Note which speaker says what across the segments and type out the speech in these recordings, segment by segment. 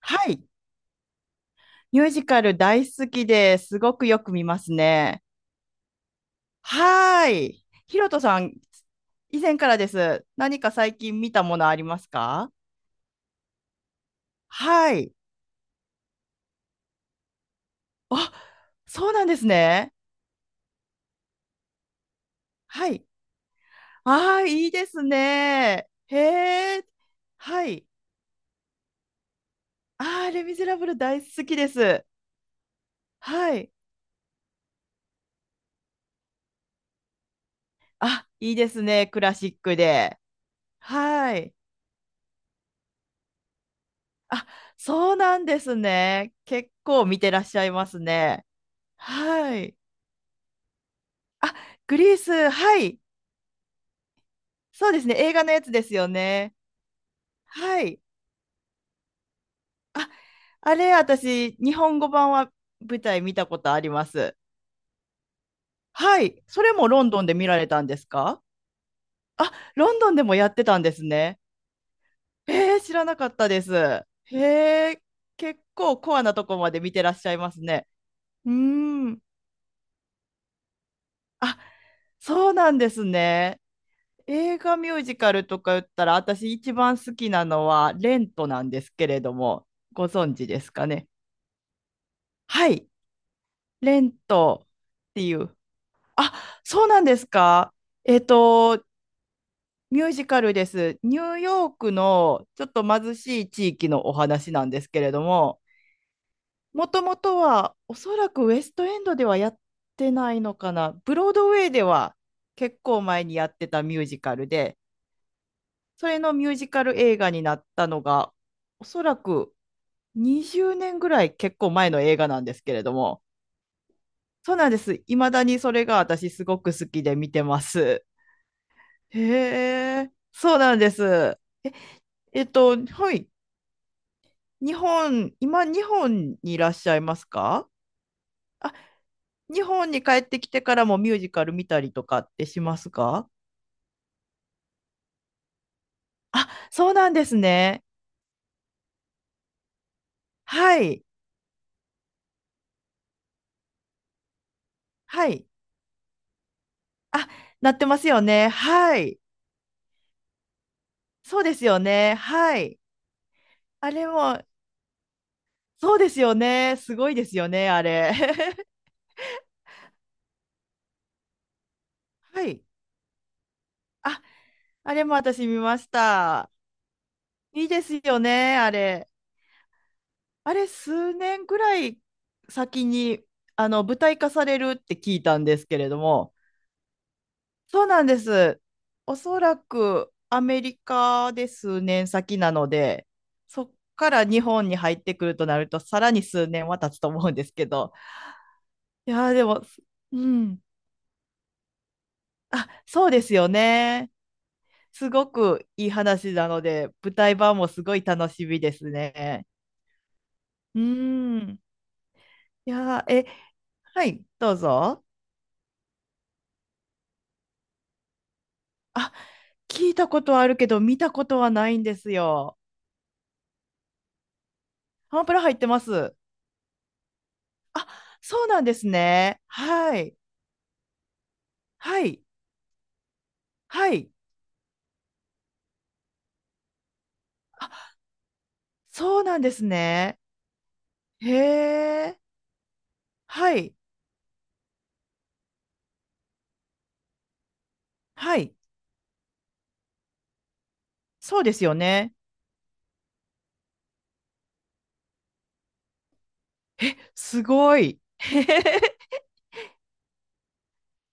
Speaker 1: はい。ミュージカル大好きで、すごくよく見ますね。はーい。ひろとさん、以前からです。何か最近見たものありますか？はい。あ、そうなんですね。はい。ああ、いいですね。へえ。はい。ああ、レ・ミゼラブル大好きです。はい。あ、いいですね。クラシックで。はい。あ、そうなんですね。結構見てらっしゃいますね。はい。あ、グリース、はい。そうですね。映画のやつですよね。はい。あ、あれ、私、日本語版は舞台見たことあります。はい。それもロンドンで見られたんですか？あ、ロンドンでもやってたんですね。えー、知らなかったです。へえ、結構コアなとこまで見てらっしゃいますね。うーん。あ、そうなんですね。映画ミュージカルとか言ったら、私一番好きなのはレントなんですけれども、ご存知ですかね。はい、レントっていう。あ、そうなんですか。えっと、ミュージカルです。ニューヨークのちょっと貧しい地域のお話なんですけれども、もともとはおそらくウエストエンドではやってないのかな。ブロードウェイでは結構前にやってたミュージカルで、それのミュージカル映画になったのが、おそらく20年ぐらい結構前の映画なんですけれども、そうなんです。いまだにそれが私すごく好きで見てます。へえ、そうなんです。え、はい。日本、今、日本にいらっしゃいますか？あ、日本に帰ってきてからもミュージカル見たりとかってしますか？あ、そうなんですね。はい。はい。あ、なってますよね。はい。そうですよね。はい。あれも、そうですよね。すごいですよね、あれ。はい。あ、あれも私見ました。いいですよね、あれ。あれ、数年ぐらい先に、舞台化されるって聞いたんですけれども、そうなんです。おそらくアメリカで数年先なので、そっから日本に入ってくるとなると、さらに数年は経つと思うんですけど、いやー、でも、うん。あ、そうですよね。すごくいい話なので、舞台版もすごい楽しみですね。うーん。いやー、え、はい、どうぞ。あ、聞いたことはあるけど、見たことはないんですよ。ハンプラ入ってます。あ、そうなんですね。はい、はい、はい。あ、そうなんですね。へえ、はい、はい。そうですよね。すごい。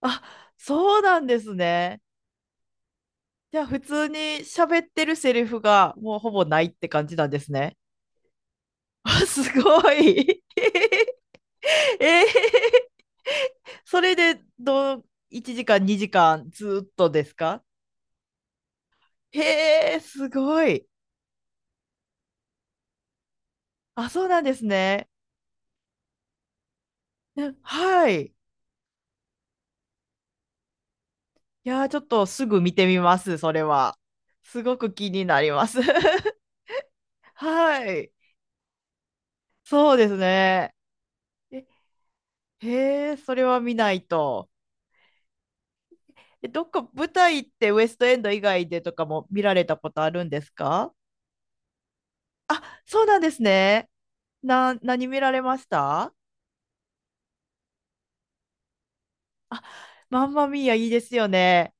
Speaker 1: あ、そうなんですね。じゃあ普通に喋ってるセリフがもうほぼないって感じなんですね。あすごい。えー、それでどう1時間2時間ずーっとですか？へえ、すごい。あ、そうなんですね。えはい。いやー、ちょっとすぐ見てみます、それは。すごく気になります。はい。そうですね。え、へえ、それは見ないと。で、どっか舞台ってウエストエンド以外でとかも見られたことあるんですか？あ、そうなんですね。な、何見られました？あ、マンマミーアいいですよね。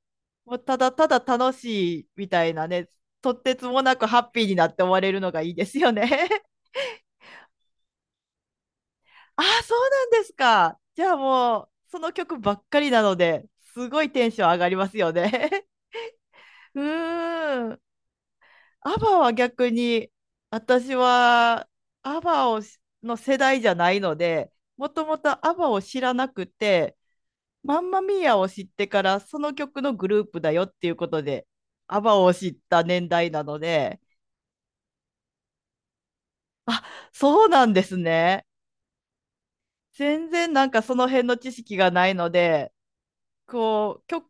Speaker 1: もうただただ楽しいみたいなね、とってつもなくハッピーになって終われるのがいいですよね。あ、そうなんですか。じゃあもう、その曲ばっかりなので、すごいテンション上がりますよね。うーん。アバは逆に、私はアバをしの世代じゃないので、もともとアバを知らなくて、マンマミーアを知ってから、その曲のグループだよっていうことで、アバを知った年代なので、あ、そうなんですね。全然なんかその辺の知識がないので、こう、曲、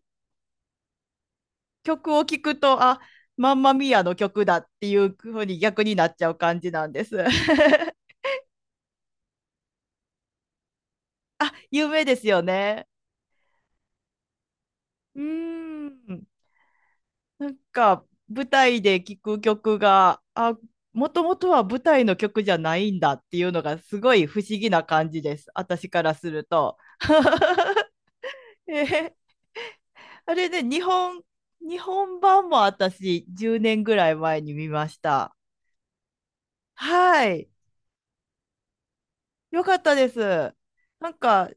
Speaker 1: 曲を聴くと、あ、マンマミーアの曲だっていうふうに逆になっちゃう感じなんです。有名ですよね。うーん。なんか、舞台で聴く曲が、あ、もともとは舞台の曲じゃないんだっていうのがすごい不思議な感じです。私からすると。えーあれね、日本、日本版も私10年ぐらい前に見ました。はい。よかったです。なんか、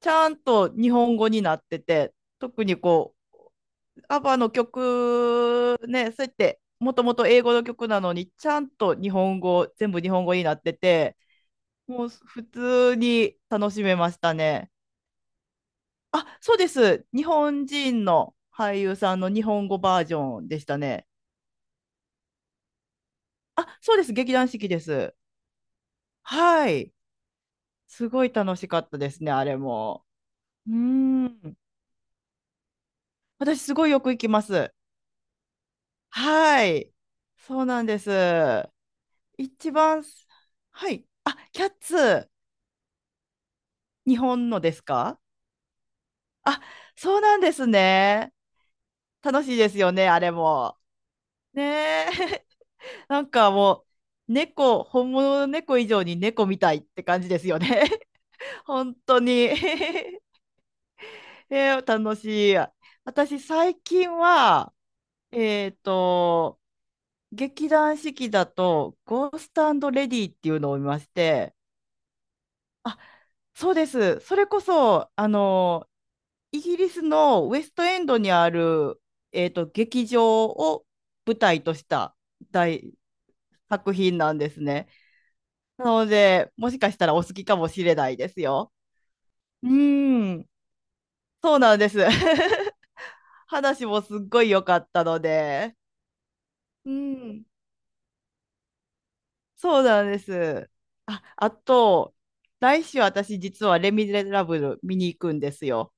Speaker 1: ちゃんと日本語になってて、特にこアバの曲ね、そうやってもともと英語の曲なのに、ちゃんと日本語、全部日本語になってて、もう普通に楽しめましたね。あ、そうです。日本人の俳優さんの日本語バージョンでしたね。あ、そうです。劇団四季です。はい。すごい楽しかったですね、あれも。うーん。私、すごいよく行きます。はい。そうなんです。一番、はい。あ、キャッツ。日本のですか？あ、そうなんですね。楽しいですよね、あれも。ねえ。なんかもう、猫、本物の猫以上に猫みたいって感じですよね。本当に。えー楽しい。私、最近は、えっと、劇団四季だと、ゴーストレディっていうのを見まして、あ、そうです。それこそ、イギリスのウェストエンドにある、えーと、劇場を舞台とした大作品なんですね。なので、もしかしたらお好きかもしれないですよ。うーん、そうなんです。話もすっごい良かったので。うん、そうなんです。あ、あと、来週私実はレ・ミゼラブル見に行くんですよ。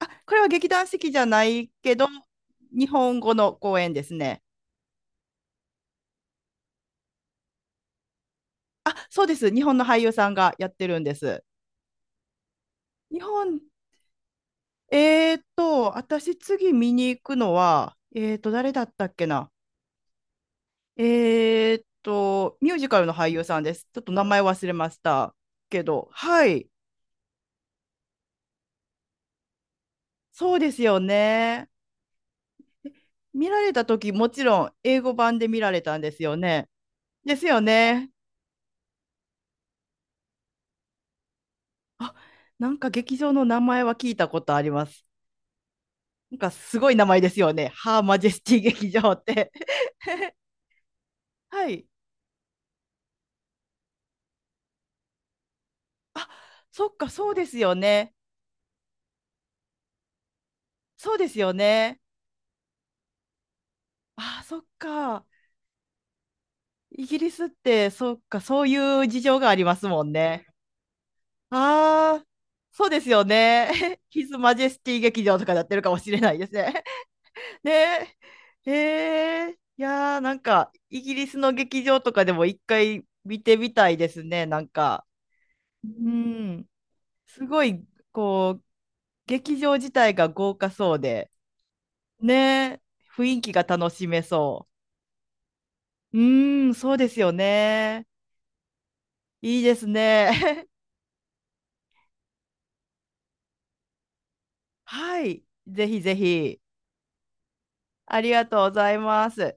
Speaker 1: あ、これは劇団四季じゃないけど、日本語の公演ですね。あ、そうです。日本の俳優さんがやってるんです。日本、えーっと、私次見に行くのは、えーっと、誰だったっけな。えーっと、ミュージカルの俳優さんです。ちょっと名前忘れましたけど、はい、そうですよね。見られた時、もちろん英語版で見られたんですよね。ですよね。あ、なんか劇場の名前は聞いたことあります。なんかすごい名前ですよね。ハーマジェスティ劇場って。はい。あ、そっか、そうですよね。そうですよね。あ、そっか。イギリスって、そっか、そういう事情がありますもんね。ああ、そうですよね。ヒズ・マジェスティ劇場とかやってるかもしれないですね。ねえ。えー、いやー、なんか、イギリスの劇場とかでも一回見てみたいですね。なんか、うん、すごい、こう、劇場自体が豪華そうで、ねえ、雰囲気が楽しめそう。うーん、そうですよね。いいですね。はい。ぜひぜひ。ありがとうございます。